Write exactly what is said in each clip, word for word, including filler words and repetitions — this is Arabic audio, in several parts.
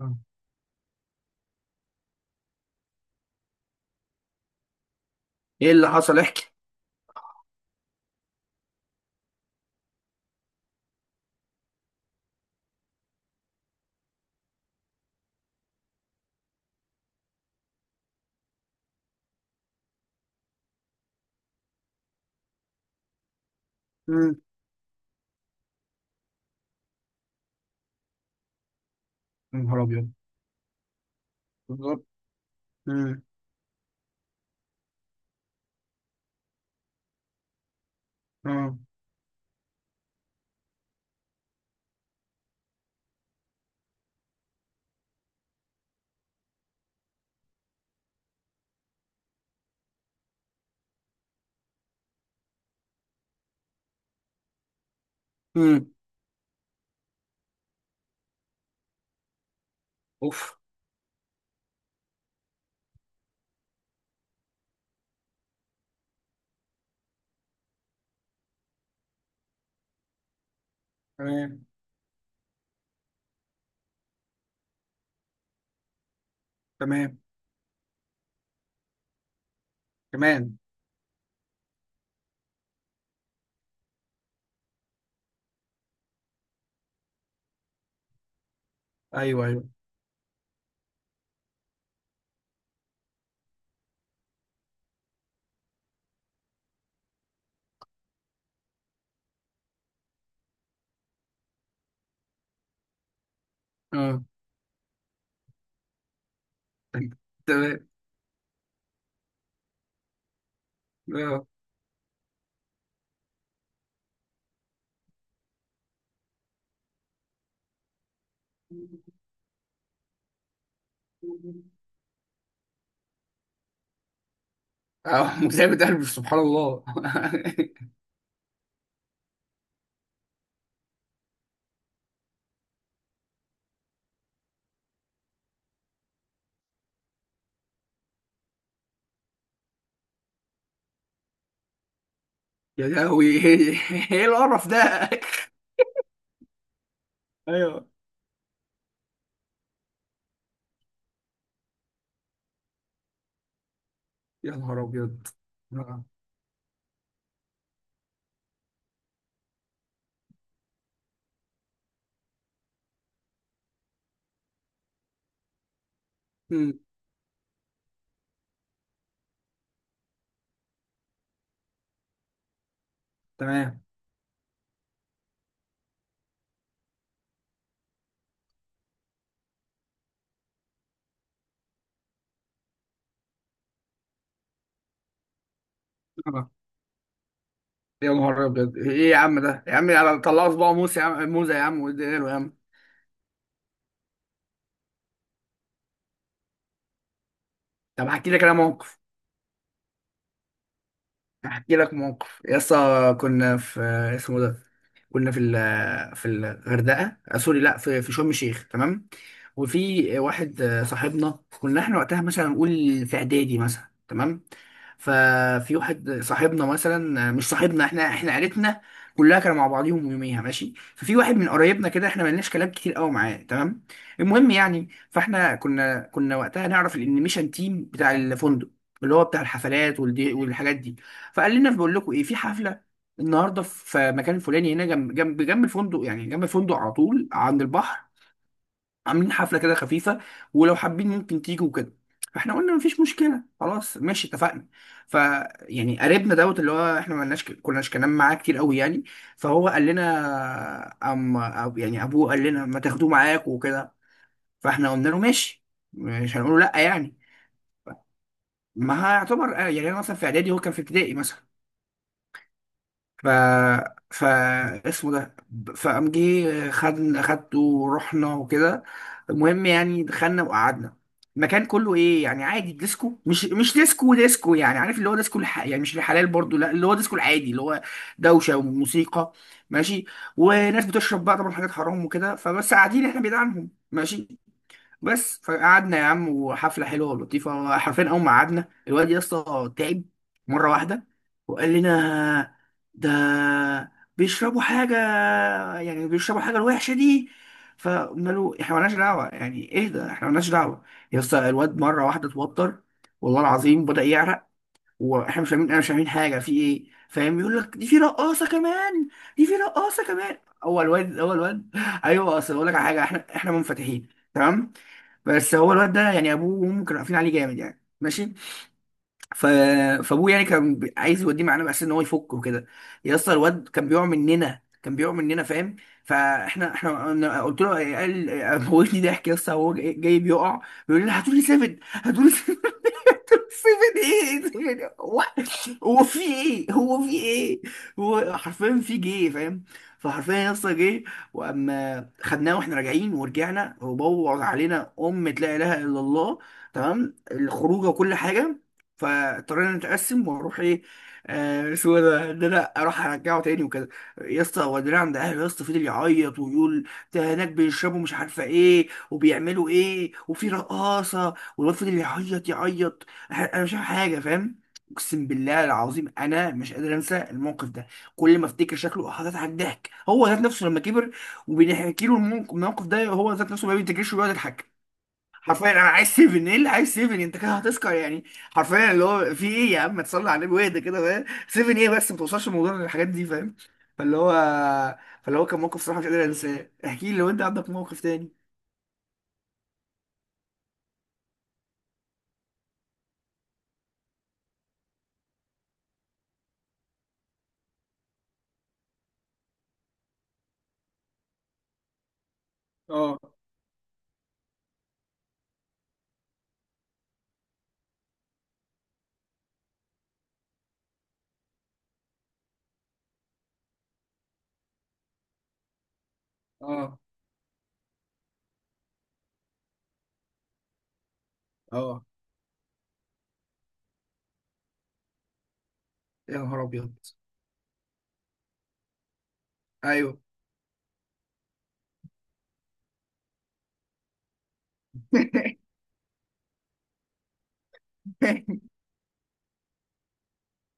آه. ايه اللي حصل؟ احكي. مم. يا نهار ابيض. بالظبط. مم. اه. مم. اوف. تمام. تمام. كمان. ايوه، ايوه. اه. تمام. اه. اه، متعبة قلبي، سبحان الله. يا لهوي، ايه؟ إيه القرف ده؟ ايوه. يا نهار ابيض. آه. امم تمام. آه. يا نهار ابيض، ايه يا عم ده يا عم على- طلع صباع موسى يا عم، موزه يا عم واديها له يا عم. طب هحكي لك انا موقف. احكي لك موقف يا اسطى. كنا في، اسمه ده كنا في ال- في الغردقه، آه، سوري، لا، في، في شرم الشيخ، تمام. وفي واحد، آه، صاحبنا، كنا احنا وقتها مثلا نقول في اعدادي مثلا، تمام. ففي واحد صاحبنا مثلا، آه، مش صاحبنا، احنا احنا عيلتنا كلها كانوا مع بعضيهم يوميها، ماشي. ففي واحد من قرايبنا كده، احنا ملناش كلام كتير قوي معاه، تمام. المهم يعني فاحنا كنا كنا وقتها نعرف الانيميشن تيم بتاع الفندق، اللي هو بتاع الحفلات والدي والحاجات دي. فقال لنا بقول لكم ايه، في حفله النهارده في مكان الفلاني هنا جنب جنب جنب الفندق، يعني جنب الفندق على طول عند البحر، عاملين حفله كده خفيفه ولو حابين ممكن تيجوا كده. فاحنا قلنا مفيش مشكله، خلاص ماشي، اتفقنا. ف يعني قريبنا دوت، اللي هو احنا ما لناش كناش كلام معاه كتير قوي يعني. فهو قال لنا، أم أب يعني ابوه قال لنا ما تاخدوه معاكم وكده. فاحنا قلنا له ماشي، مش هنقول له لا يعني، ما هيعتبر، يعني انا مثلا في اعدادي هو كان في ابتدائي مثلا. ف ف اسمه ده فقام جه خد خدته ورحنا وكده. المهم يعني دخلنا وقعدنا. المكان كله ايه يعني عادي، ديسكو، مش مش ديسكو ديسكو، يعني عارف اللي هو ديسكو الح... يعني مش الحلال برضو، لا، اللي هو ديسكو العادي، اللي هو دوشه وموسيقى، ماشي، وناس بتشرب بقى طبعا حاجات حرام وكده، فبس قاعدين احنا بعيد عنهم، ماشي. بس فقعدنا يا عم وحفله حلوه ولطيفه. حرفيا اول ما قعدنا الواد يا اسطى تعب مره واحده، وقال لنا ده بيشربوا حاجه، يعني بيشربوا حاجه الوحشه دي. فقلنا له احنا مالناش دعوه، يعني اهدى احنا مالناش دعوه. يا اسطى الواد مره واحده اتوتر، والله العظيم بدأ يعرق. واحنا مش فاهمين، انا مش فاهمين حاجه في ايه، فاهم؟ يقول لك دي في رقاصه كمان، دي في رقاصه كمان. اول واد، اول واد ايوه اصل اقول لك على حاجه، احنا احنا منفتحين تمام، بس هو الواد ده يعني ابوه وامه كانوا قافلين عليه جامد، يعني ماشي. ف... فابوه يعني كان بي- عايز يوديه معانا بس ان هو يفك وكده. يا اسطى الواد كان بيقع مننا، كان بيقع مننا، فاهم؟ فاحنا، احنا أنا قلت له، قال موتني ضحك يا اسطى، هو جاي جاي بيقع، بيقول لي هاتوا لي سفن، هاتوا لي سفن. سيفن ايه، سيفن ايه؟ هو، هو في ايه، هو في ايه؟ هو حرفيا في جه، فاهم؟ فحرفيا يا اسطى جه. واما خدناه واحنا راجعين ورجعنا وبوظ علينا امة لا اله الا الله، تمام، الخروجه وكل حاجه. فاضطرينا نتقسم واروح ايه، آه اسمه إيه ده ان انا اروح ارجعه تاني وكده. يا اسطى ودينا عند اهله، يا اسطى فضل يعيط ويقول ده هناك بيشربوا مش عارفه ايه وبيعملوا ايه وفي رقاصه، والواد فضل يعيط يعيط. ح- انا مش فاهم حاجه، فاهم؟ اقسم بالله العظيم انا مش قادر انسى الموقف ده. كل ما افتكر شكله هتضحك ضحك، هو ذات نفسه لما كبر وبنحكي له الموق- الموقف ده هو ذات نفسه ما بيفتكرش وبيقعد يضحك. حرفيا انا عايز سيفن، ايه اللي عايز سيفن؟ انت كده هتسكر يعني. حرفيا اللي هو في ايه يا عم، ما تصلي على النبي واهدى كده، فاهم؟ سيفن ايه بس، ما توصلش الموضوع للحاجات دي، فاهم؟ فاللي هو فاللي هو كان موقف صراحه مش قادر انساه. احكي لي لو انت عندك موقف تاني. اه، اه، اه. يا نهار ابيض. ايوه.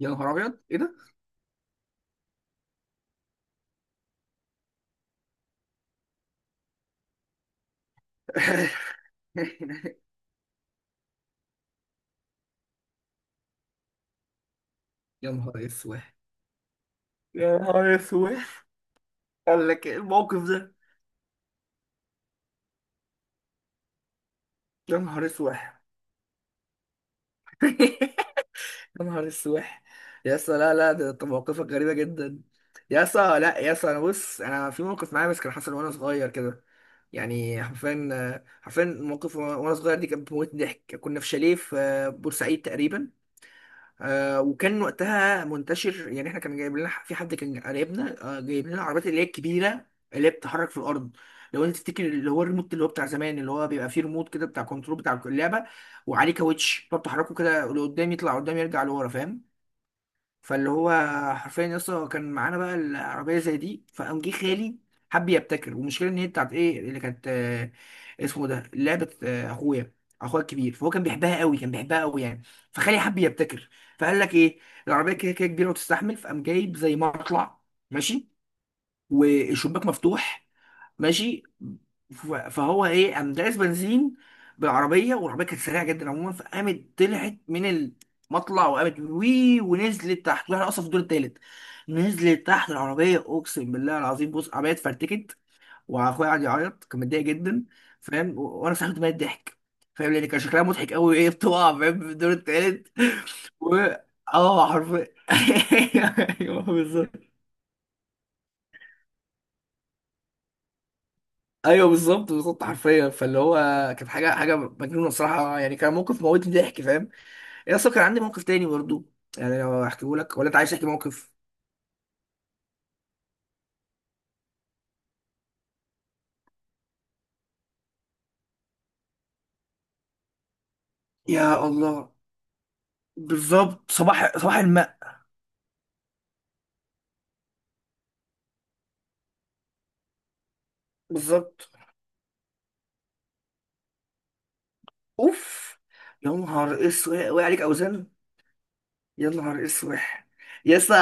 يا نهار ابيض، ايه ده؟ يا نهار اسود. يا نهار اسود. قال لك إيه الموقف ده. يا نهار اسود. يا نهار اسود. يا اسطى، لا، لا، ده أنت مواقفك غريبه جدا. يا اسطى، لا يا اسطى، انا بص، انا في موقف معايا بس كان حصل وانا صغير كده. يعني حرفيا، حرفيا الموقف وانا، وأنا صغير دي كانت بتموت ضحك. كنا في شاليه في بورسعيد تقريبا، آه وكان وقتها منتشر يعني. احنا كان جايب لنا في حد كان قريبنا، آه جايب لنا العربيات اللي هي الكبيره اللي هي بتتحرك في الارض. لو انت تفتكر اللي هو الريموت، اللي هو بتاع زمان، اللي هو بيبقى فيه ريموت كده بتاع كنترول بتاع اللعبه، وعليه كاوتش فبتحركه كده لقدام، يطلع قدام يرجع لورا، فاهم؟ فاللي هو حرفيا يا اسطى كان معانا بقى العربيه زي دي. فقام جه خالي حب يبتكر، والمشكله ان هي بتاعت ايه اللي كانت، آه، اسمه ده لعبه، آه، اخويا، اخويا الكبير فهو كان بيحبها قوي، كان بيحبها قوي يعني. فخالي حب يبتكر، فقال لك ايه، العربيه كده كده كبيره وتستحمل، فقام جايب زي مطلع، ماشي، والشباك مفتوح، ماشي. ف- فهو ايه قام داس بنزين بالعربيه، والعربيه كانت سريعه جدا عموما، فقامت طلعت من المطلع وقامت وي ونزلت تحت، واحنا اصلا في الدور التالت. نزلت تحت العربيه، اقسم بالله العظيم، بص العربيه اتفرتكت، واخويا قعد يعيط كان متضايق جدا، فاهم؟ و- وانا سحبت ميه ضحك، فاهم؟ لان كان شكلها مضحك قوي، ايه بتقع فاهم في الدور التالت؟ و اه حرفيا ايوه بالظبط. ايوه بالظبط، بالظبط، حرفيا. فاللي هو كانت حاجه، حاجه مجنونه الصراحه، يعني كان موقف موتني ضحك، فاهم؟ يا اصلا كان عندي موقف تاني برضو، يعني لو احكيه لك، ولا انت عايز تحكي موقف؟ يا الله. بالظبط، صباح صباح الماء. بالظبط. اوف. يا نهار اسود، وقع عليك اوزان؟ يا نهار اسوح. يا اسطى،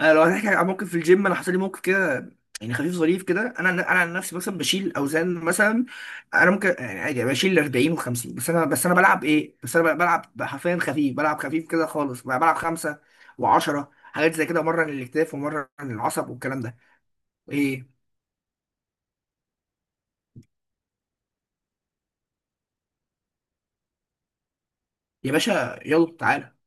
أنا لو هنحكي عن موقف في الجيم، انا حصل لي موقف كده يعني خفيف ظريف كده. انا انا عن نفسي مثلا بشيل اوزان مثلا، انا ممكن يعني عادي يعني بشيل اربعين و50، بس انا، بس انا بلعب ايه، بس انا بلعب حرفيا خفيف، بلعب خفيف كده خالص، بلعب خمسة وعشرة، حاجات زي كده، مره للاكتاف ومره للعصب والكلام ده. ايه يا باشا، يلا تعالى.